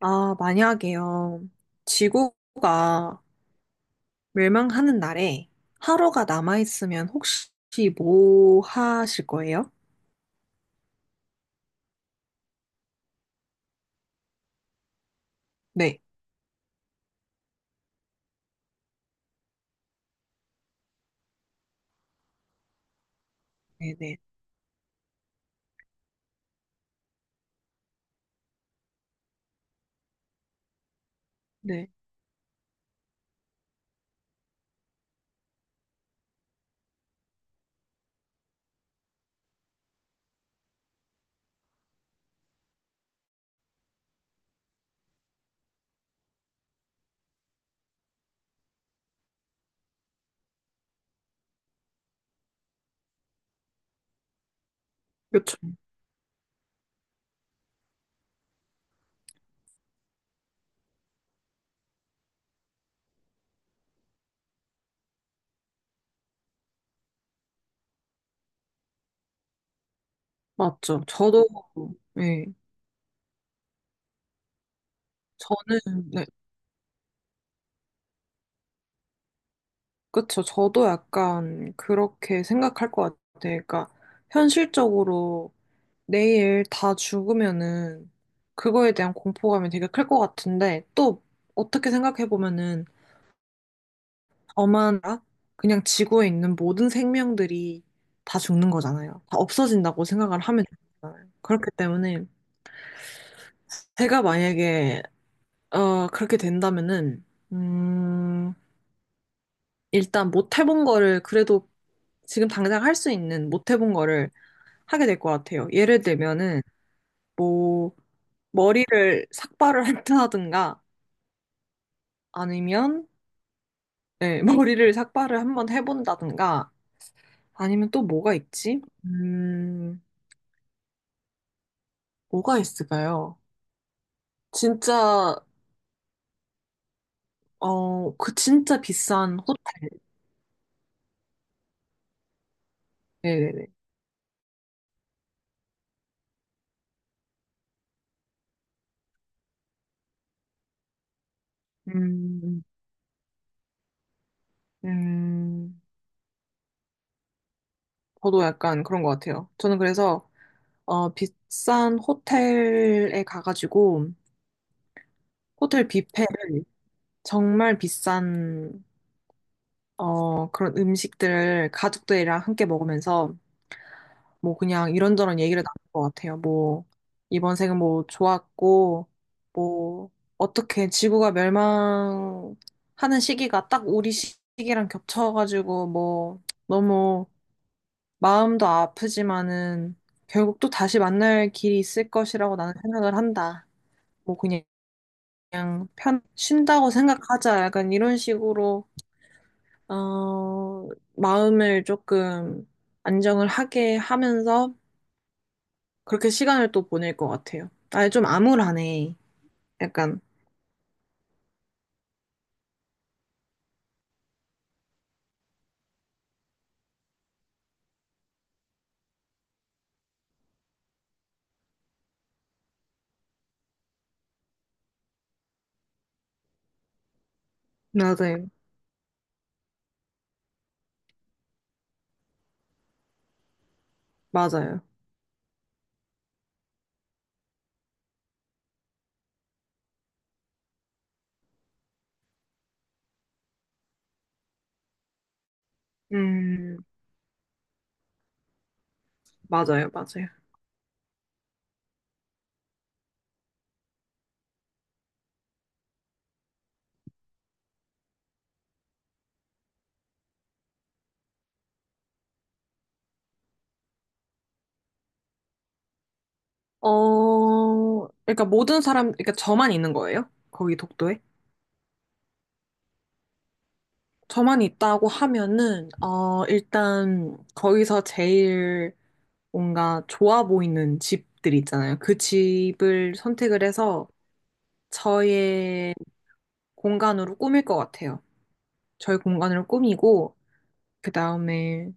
아, 만약에요. 지구가 멸망하는 날에 하루가 남아있으면 혹시 뭐 하실 거예요? 네, 네, 네, 네. 몇 초? 맞죠. 저도, 네. 저는, 네. 그쵸. 저도 약간 그렇게 생각할 것 같아요. 그러니까, 현실적으로 내일 다 죽으면은 그거에 대한 공포감이 되게 클 것 같은데, 또 어떻게 생각해보면은 엄하나 그냥 지구에 있는 모든 생명들이 다 죽는 거잖아요. 다 없어진다고 생각을 하면 되잖아요. 그렇기 때문에 제가 만약에 그렇게 된다면은 음 일단 못 해본 거를 그래도 지금 당장 할 수 있는 못 해본 거를 하게 될 것 같아요. 예를 들면은 뭐 머리를 삭발을 한다든가 아니면 네, 머리를 삭발을 한번 해본다든가 아니면 또 뭐가 있지? 뭐가 있을까요? 진짜, 어, 그 진짜 비싼 호텔. 네네네. 음, 음, 저도 약간 그런 것 같아요. 저는 그래서, 어, 비싼 호텔에 가가지고, 호텔 뷔페를 정말 비싼, 어, 그런 음식들을 가족들이랑 함께 먹으면서 뭐 그냥 이런저런 얘기를 나눌 것 같아요. 뭐 이번 생은 뭐 좋았고 뭐 어떻게 지구가 멸망하는 시기가 딱 우리 시기랑 겹쳐가지고 뭐 너무 마음도 아프지만은 결국 또 다시 만날 길이 있을 것이라고 나는 생각을 한다. 뭐 그냥 편 쉰다고 생각하자. 약간 이런 식으로 어 마음을 조금 안정을 하게 하면서 그렇게 시간을 또 보낼 것 같아요. 아니, 좀 암울하네. 약간, 맞아요. 맞아요. 음, 맞아요. 맞아요. 어, 그러니까 모든 사람, 그러니까 저만 있는 거예요? 거기 독도에? 저만 있다고 하면은, 어, 일단, 거기서 제일 뭔가 좋아 보이는 집들 있잖아요. 그 집을 선택을 해서 저의 공간으로 꾸밀 것 같아요. 저의 공간으로 꾸미고, 그 다음에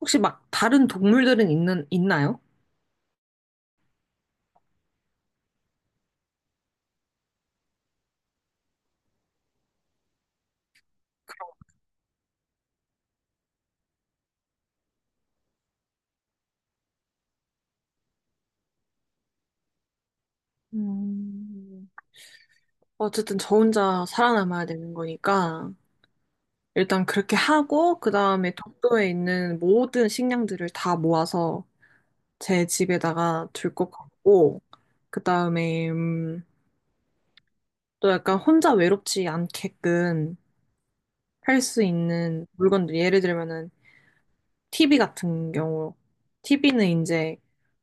혹시 막 다른 동물들은 있는, 있나요? 음, 어쨌든 저 혼자 살아남아야 되는 거니까 일단 그렇게 하고 그 다음에 독도에 있는 모든 식량들을 다 모아서 제 집에다가 둘 것 같고 그 다음에 또 약간 혼자 외롭지 않게끔 할 수 있는 물건들 예를 들면은 TV 같은 경우 TV는 이제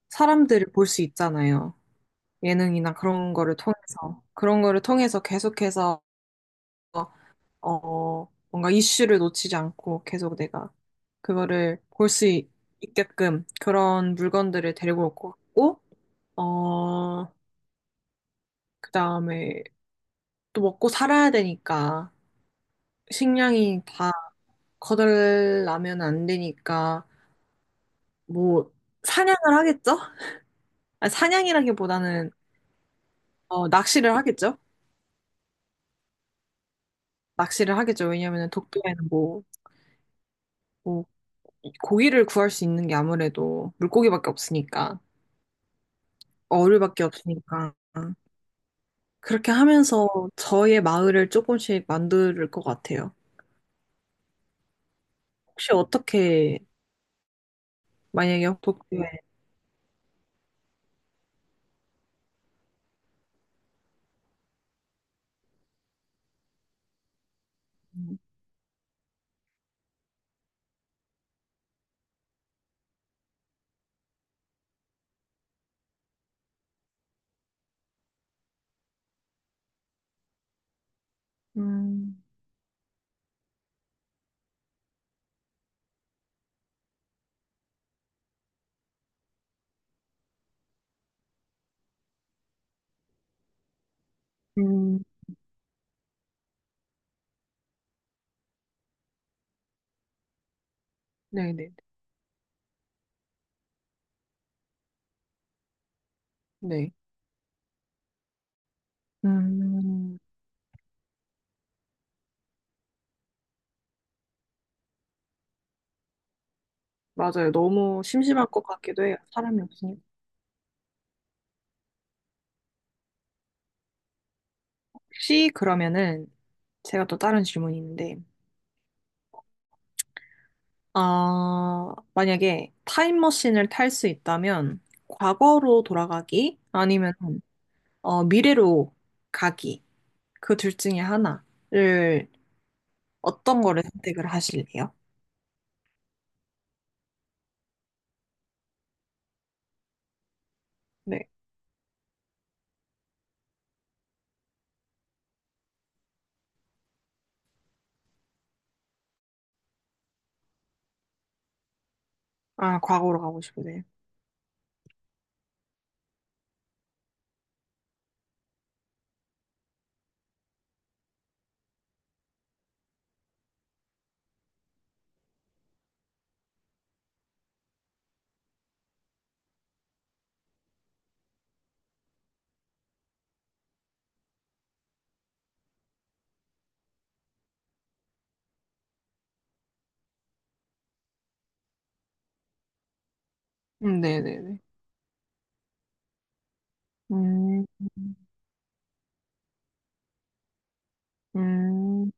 사람들을 볼 수 있잖아요. 예능이나 그런 거를 통해서, 그런 거를 통해서 계속해서, 어, 뭔가 이슈를 놓치지 않고 계속 내가 그거를 볼 수 있게끔 그런 물건들을 데리고 올 것 같고, 어, 그 다음에 또 먹고 살아야 되니까, 식량이 다 거덜나면 안 되니까, 뭐, 사냥을 하겠죠? 아니, 사냥이라기보다는, 어, 낚시를 하겠죠? 낚시를 하겠죠. 왜냐면은 독도에는 뭐, 뭐 고기를 구할 수 있는 게 아무래도 물고기밖에 없으니까, 어류밖에 없으니까. 그렇게 하면서 저의 마을을 조금씩 만들 것 같아요. 혹시 어떻게, 만약에 도쿄에, 음, 음, 네네, 네. 음, 맞아요. 너무 심심할 것 같기도 해요. 사람이 없으니까. 혹시 그러면은, 제가 또 다른 질문이 있는데, 아, 만약에 타임머신을 탈 수 있다면, 과거로 돌아가기? 아니면 미래로 가기. 그 둘 중에 하나를 어떤 거를 선택을 하실래요? 네. 아, 과거로 가고 싶으세요? 네네네. 음, 음,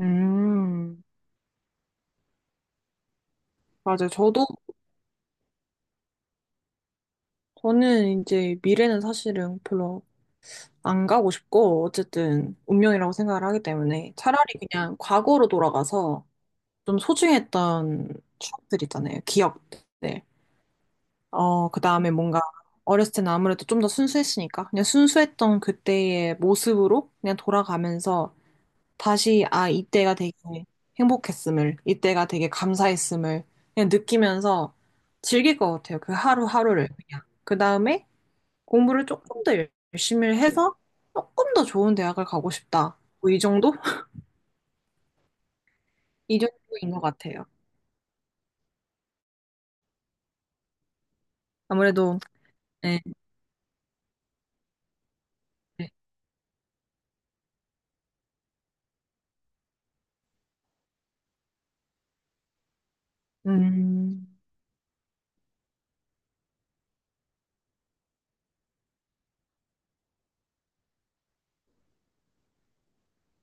음. 맞아요. 저도, 저는 이제 미래는 사실은 별로 안 가고 싶고, 어쨌든 운명이라고 생각을 하기 때문에 차라리 그냥 과거로 돌아가서 좀 소중했던 추억들 있잖아요. 기억들. 어, 그 다음에 뭔가 어렸을 때는 아무래도 좀 더 순수했으니까 그냥 순수했던 그때의 모습으로 그냥 돌아가면서 다시 아, 이때가 되게 행복했음을, 이때가 되게 감사했음을 그냥 느끼면서 즐길 것 같아요. 그 하루하루를 그냥. 그 다음에 공부를 조금 더 열심히 해서 조금 더 좋은 대학을 가고 싶다. 뭐이 정도? 이 정도인 것 같아요. 아무래도, 네, 네. 음,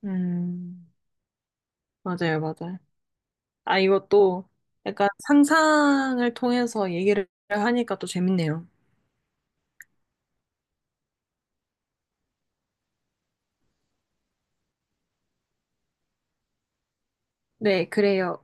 음, 맞아요, 맞아요. 아, 이것도 약간 상상을 통해서 얘기를 하니까 또 재밌네요. 네, 그래요.